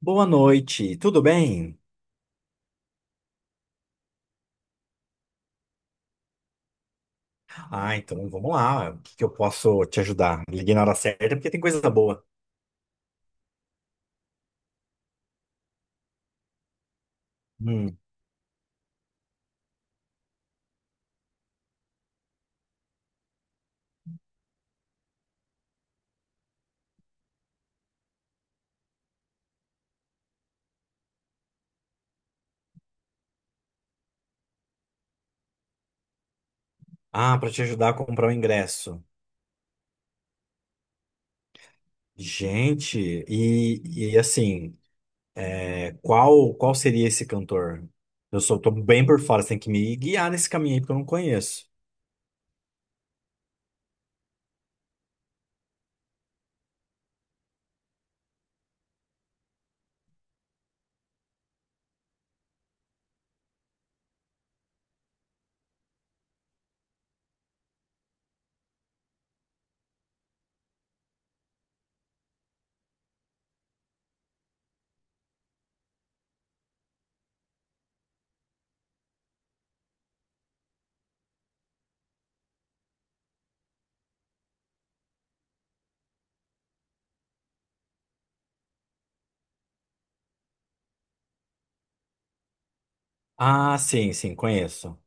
Boa noite, tudo bem? Ah, então vamos lá. O que eu posso te ajudar? Liguei na hora certa porque tem coisa boa. Hum. Ah, para te ajudar a comprar o ingresso. Gente, e assim, qual seria esse cantor? Tô bem por fora, você tem que me guiar nesse caminho aí porque eu não conheço. Ah, sim, sim, conheço.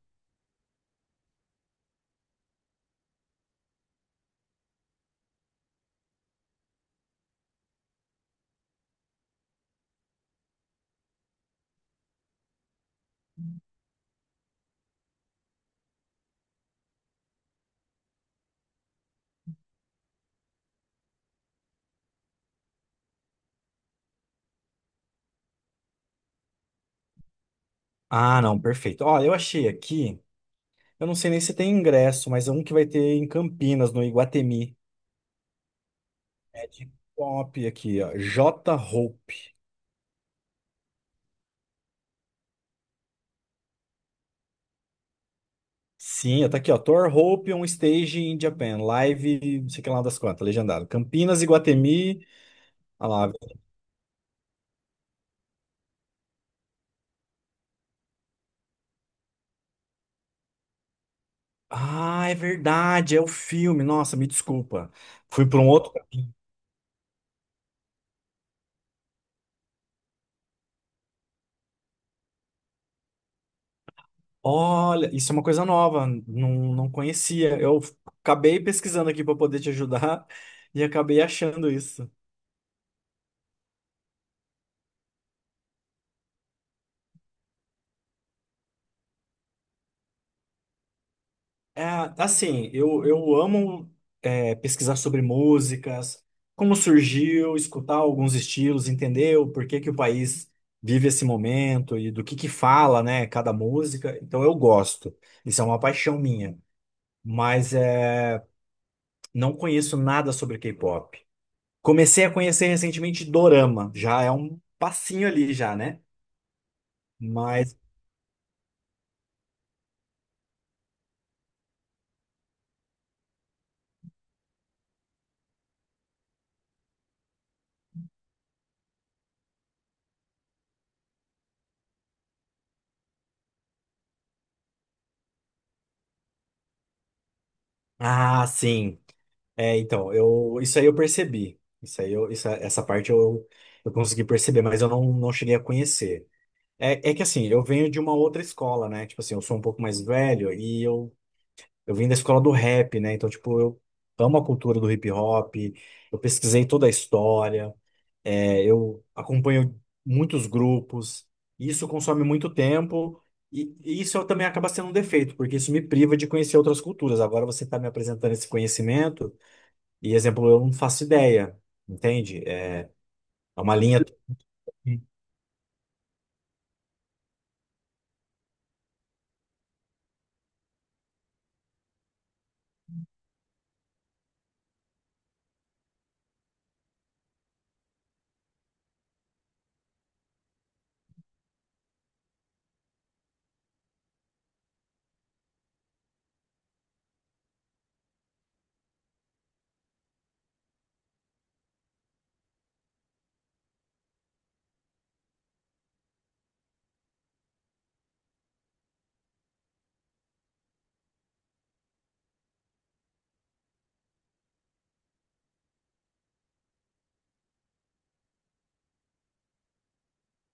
Ah, não, perfeito. Olha, eu achei aqui, eu não sei nem se tem ingresso, mas é um que vai ter em Campinas, no Iguatemi. É de pop aqui, ó. J. Hope. Sim, tá aqui, ó. Thor Hope on Stage in Japan. Live, não sei que lá das quantas, legendado. Campinas, Iguatemi. Ah, lá. Ah, é verdade, é o filme. Nossa, me desculpa. Fui para um outro caminho. Olha, isso é uma coisa nova, não conhecia. Eu acabei pesquisando aqui para poder te ajudar e acabei achando isso. É, assim, eu amo pesquisar sobre músicas, como surgiu, escutar alguns estilos, entender o porquê que o país vive esse momento e do que fala, né, cada música. Então eu gosto. Isso é uma paixão minha. Mas é, não conheço nada sobre K-pop. Comecei a conhecer recentemente Dorama. Já é um passinho ali já, né? Mas, ah, sim. É, então, isso aí eu percebi. Essa parte eu consegui perceber, mas eu não, não cheguei a conhecer. É que assim, eu venho de uma outra escola, né? Tipo assim, eu sou um pouco mais velho eu vim da escola do rap, né? Então, tipo, eu amo a cultura do hip hop, eu pesquisei toda a história, eu acompanho muitos grupos, e isso consome muito tempo. E isso eu também acaba sendo um defeito, porque isso me priva de conhecer outras culturas. Agora você está me apresentando esse conhecimento. E exemplo, eu não faço ideia, entende? É uma linha.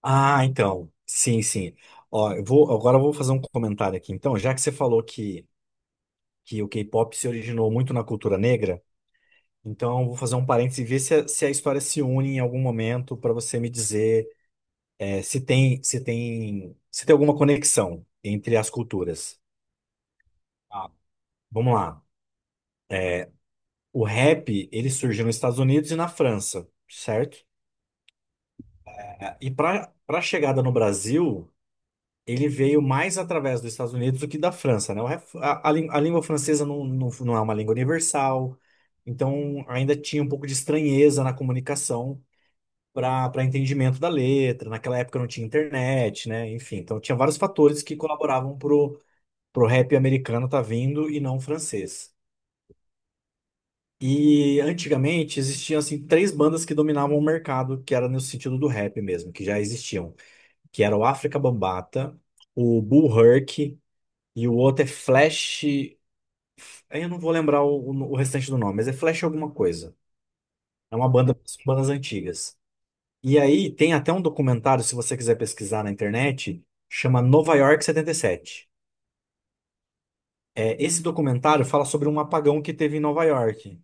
Ah, então. Sim, sim. Ó, agora eu vou fazer um comentário aqui. Então, já que você falou que o K-pop se originou muito na cultura negra, então eu vou fazer um parênteses e ver se se a história se une em algum momento para você me dizer se tem alguma conexão entre as culturas. Ah, vamos lá. O rap, ele surgiu nos Estados Unidos e na França, certo? E para a chegada no Brasil. Ele veio mais através dos Estados Unidos do que da França, né? O ref- A, a lí- A língua francesa não é uma língua universal, então ainda tinha um pouco de estranheza na comunicação para entendimento da letra. Naquela época não tinha internet, né? Enfim, então tinha vários fatores que colaboravam pro, pro rap americano tá vindo e não francês. E antigamente existiam assim três bandas que dominavam o mercado, que era no sentido do rap mesmo, que já existiam, que era o África Bambata, o Bull Herc e o outro é Flash. Aí eu não vou lembrar o restante do nome, mas é Flash alguma coisa. É uma banda Bandas antigas. E aí tem até um documentário, se você quiser pesquisar na internet, chama Nova York 77. É, esse documentário fala sobre um apagão que teve em Nova York.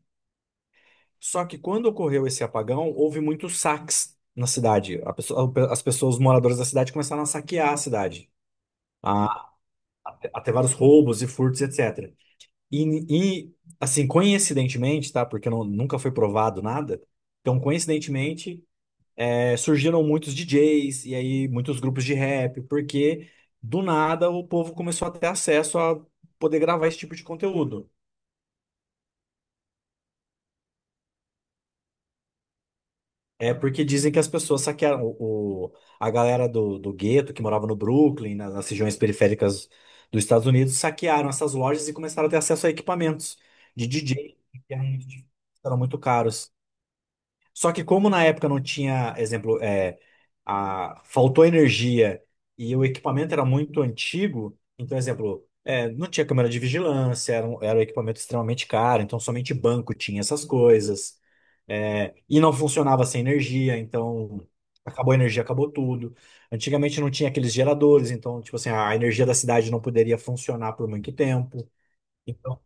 Só que quando ocorreu esse apagão, houve muitos saques na cidade. As pessoas, os moradores da cidade começaram a saquear a cidade, a, a ter vários roubos e furtos, etc. E, e, assim, coincidentemente, tá? Porque nunca foi provado nada. Então, coincidentemente, surgiram muitos DJs e aí muitos grupos de rap, porque do nada o povo começou a ter acesso a poder gravar esse tipo de conteúdo. É porque dizem que as pessoas saquearam a galera do, do gueto que morava no Brooklyn, nas regiões periféricas dos Estados Unidos, saquearam essas lojas e começaram a ter acesso a equipamentos de DJ que eram muito caros. Só que como na época não tinha, exemplo, faltou energia e o equipamento era muito antigo, então, exemplo, não tinha câmera de vigilância, era um equipamento extremamente caro, então somente banco tinha essas coisas. É, e não funcionava sem energia, então acabou a energia, acabou tudo. Antigamente não tinha aqueles geradores, então, tipo assim, a energia da cidade não poderia funcionar por muito tempo. Então,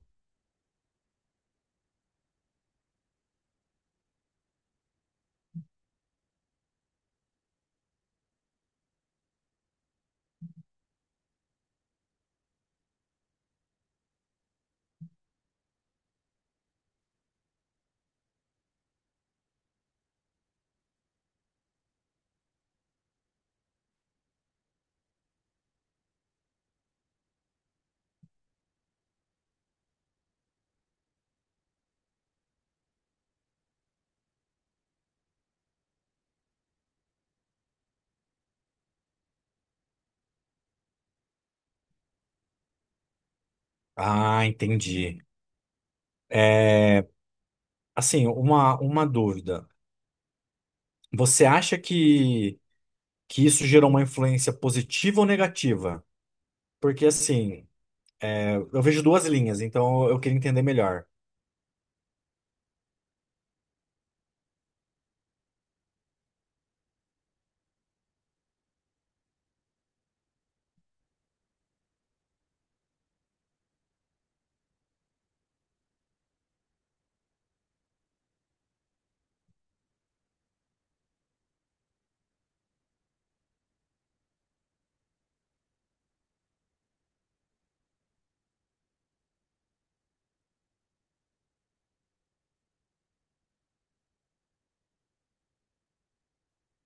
ah, entendi. É, assim, uma dúvida. Você acha que isso gerou uma influência positiva ou negativa? Porque assim, eu vejo duas linhas, então eu queria entender melhor.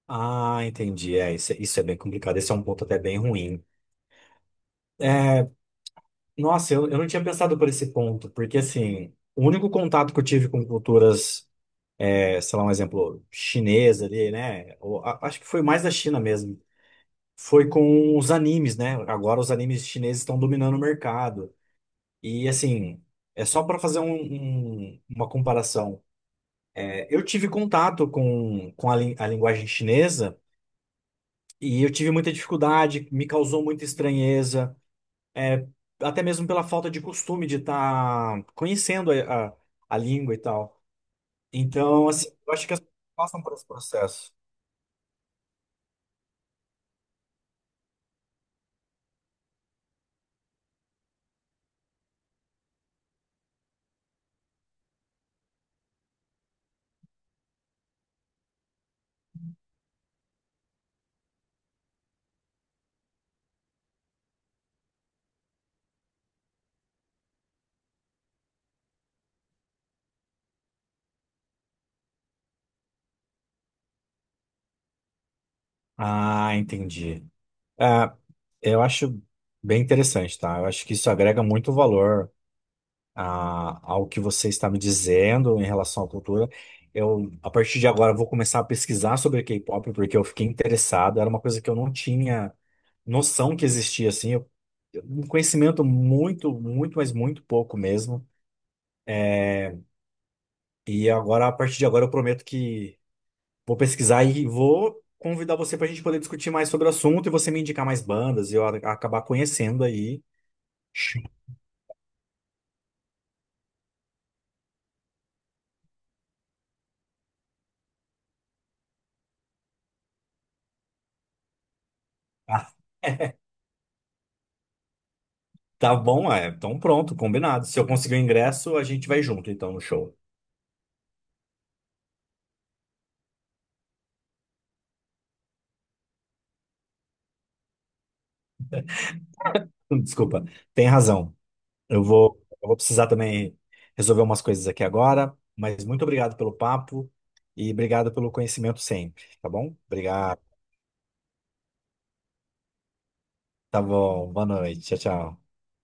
Ah, entendi. É, isso é bem complicado. Esse é um ponto até bem ruim. Nossa, eu não tinha pensado por esse ponto, porque assim, o único contato que eu tive com culturas, sei lá, um exemplo, chinesa ali, né? Ou, acho que foi mais da China mesmo. Foi com os animes, né? Agora os animes chineses estão dominando o mercado. E assim, é só para fazer uma comparação. É, eu tive contato com a linguagem chinesa e eu tive muita dificuldade, me causou muita estranheza, é, até mesmo pela falta de costume de estar conhecendo a língua e tal. Então, assim, eu acho que as pessoas passam por esse processo. Ah, entendi. É, eu acho bem interessante, tá? Eu acho que isso agrega muito valor ao que você está me dizendo em relação à cultura. Eu, a partir de agora, vou começar a pesquisar sobre K-pop, porque eu fiquei interessado. Era uma coisa que eu não tinha noção que existia, assim. Eu, um conhecimento muito, muito, mas muito pouco mesmo. E agora, a partir de agora, eu prometo que vou pesquisar e vou convidar você para a gente poder discutir mais sobre o assunto e você me indicar mais bandas e eu acabar conhecendo aí. Chocado. Tá bom, é. Então pronto, combinado. Se eu conseguir o ingresso, a gente vai junto, então, no show. Desculpa, tem razão. Eu vou precisar também resolver umas coisas aqui agora, mas muito obrigado pelo papo e obrigado pelo conhecimento sempre, tá bom? Obrigado. Tá bom, boa noite. Tchau, tchau.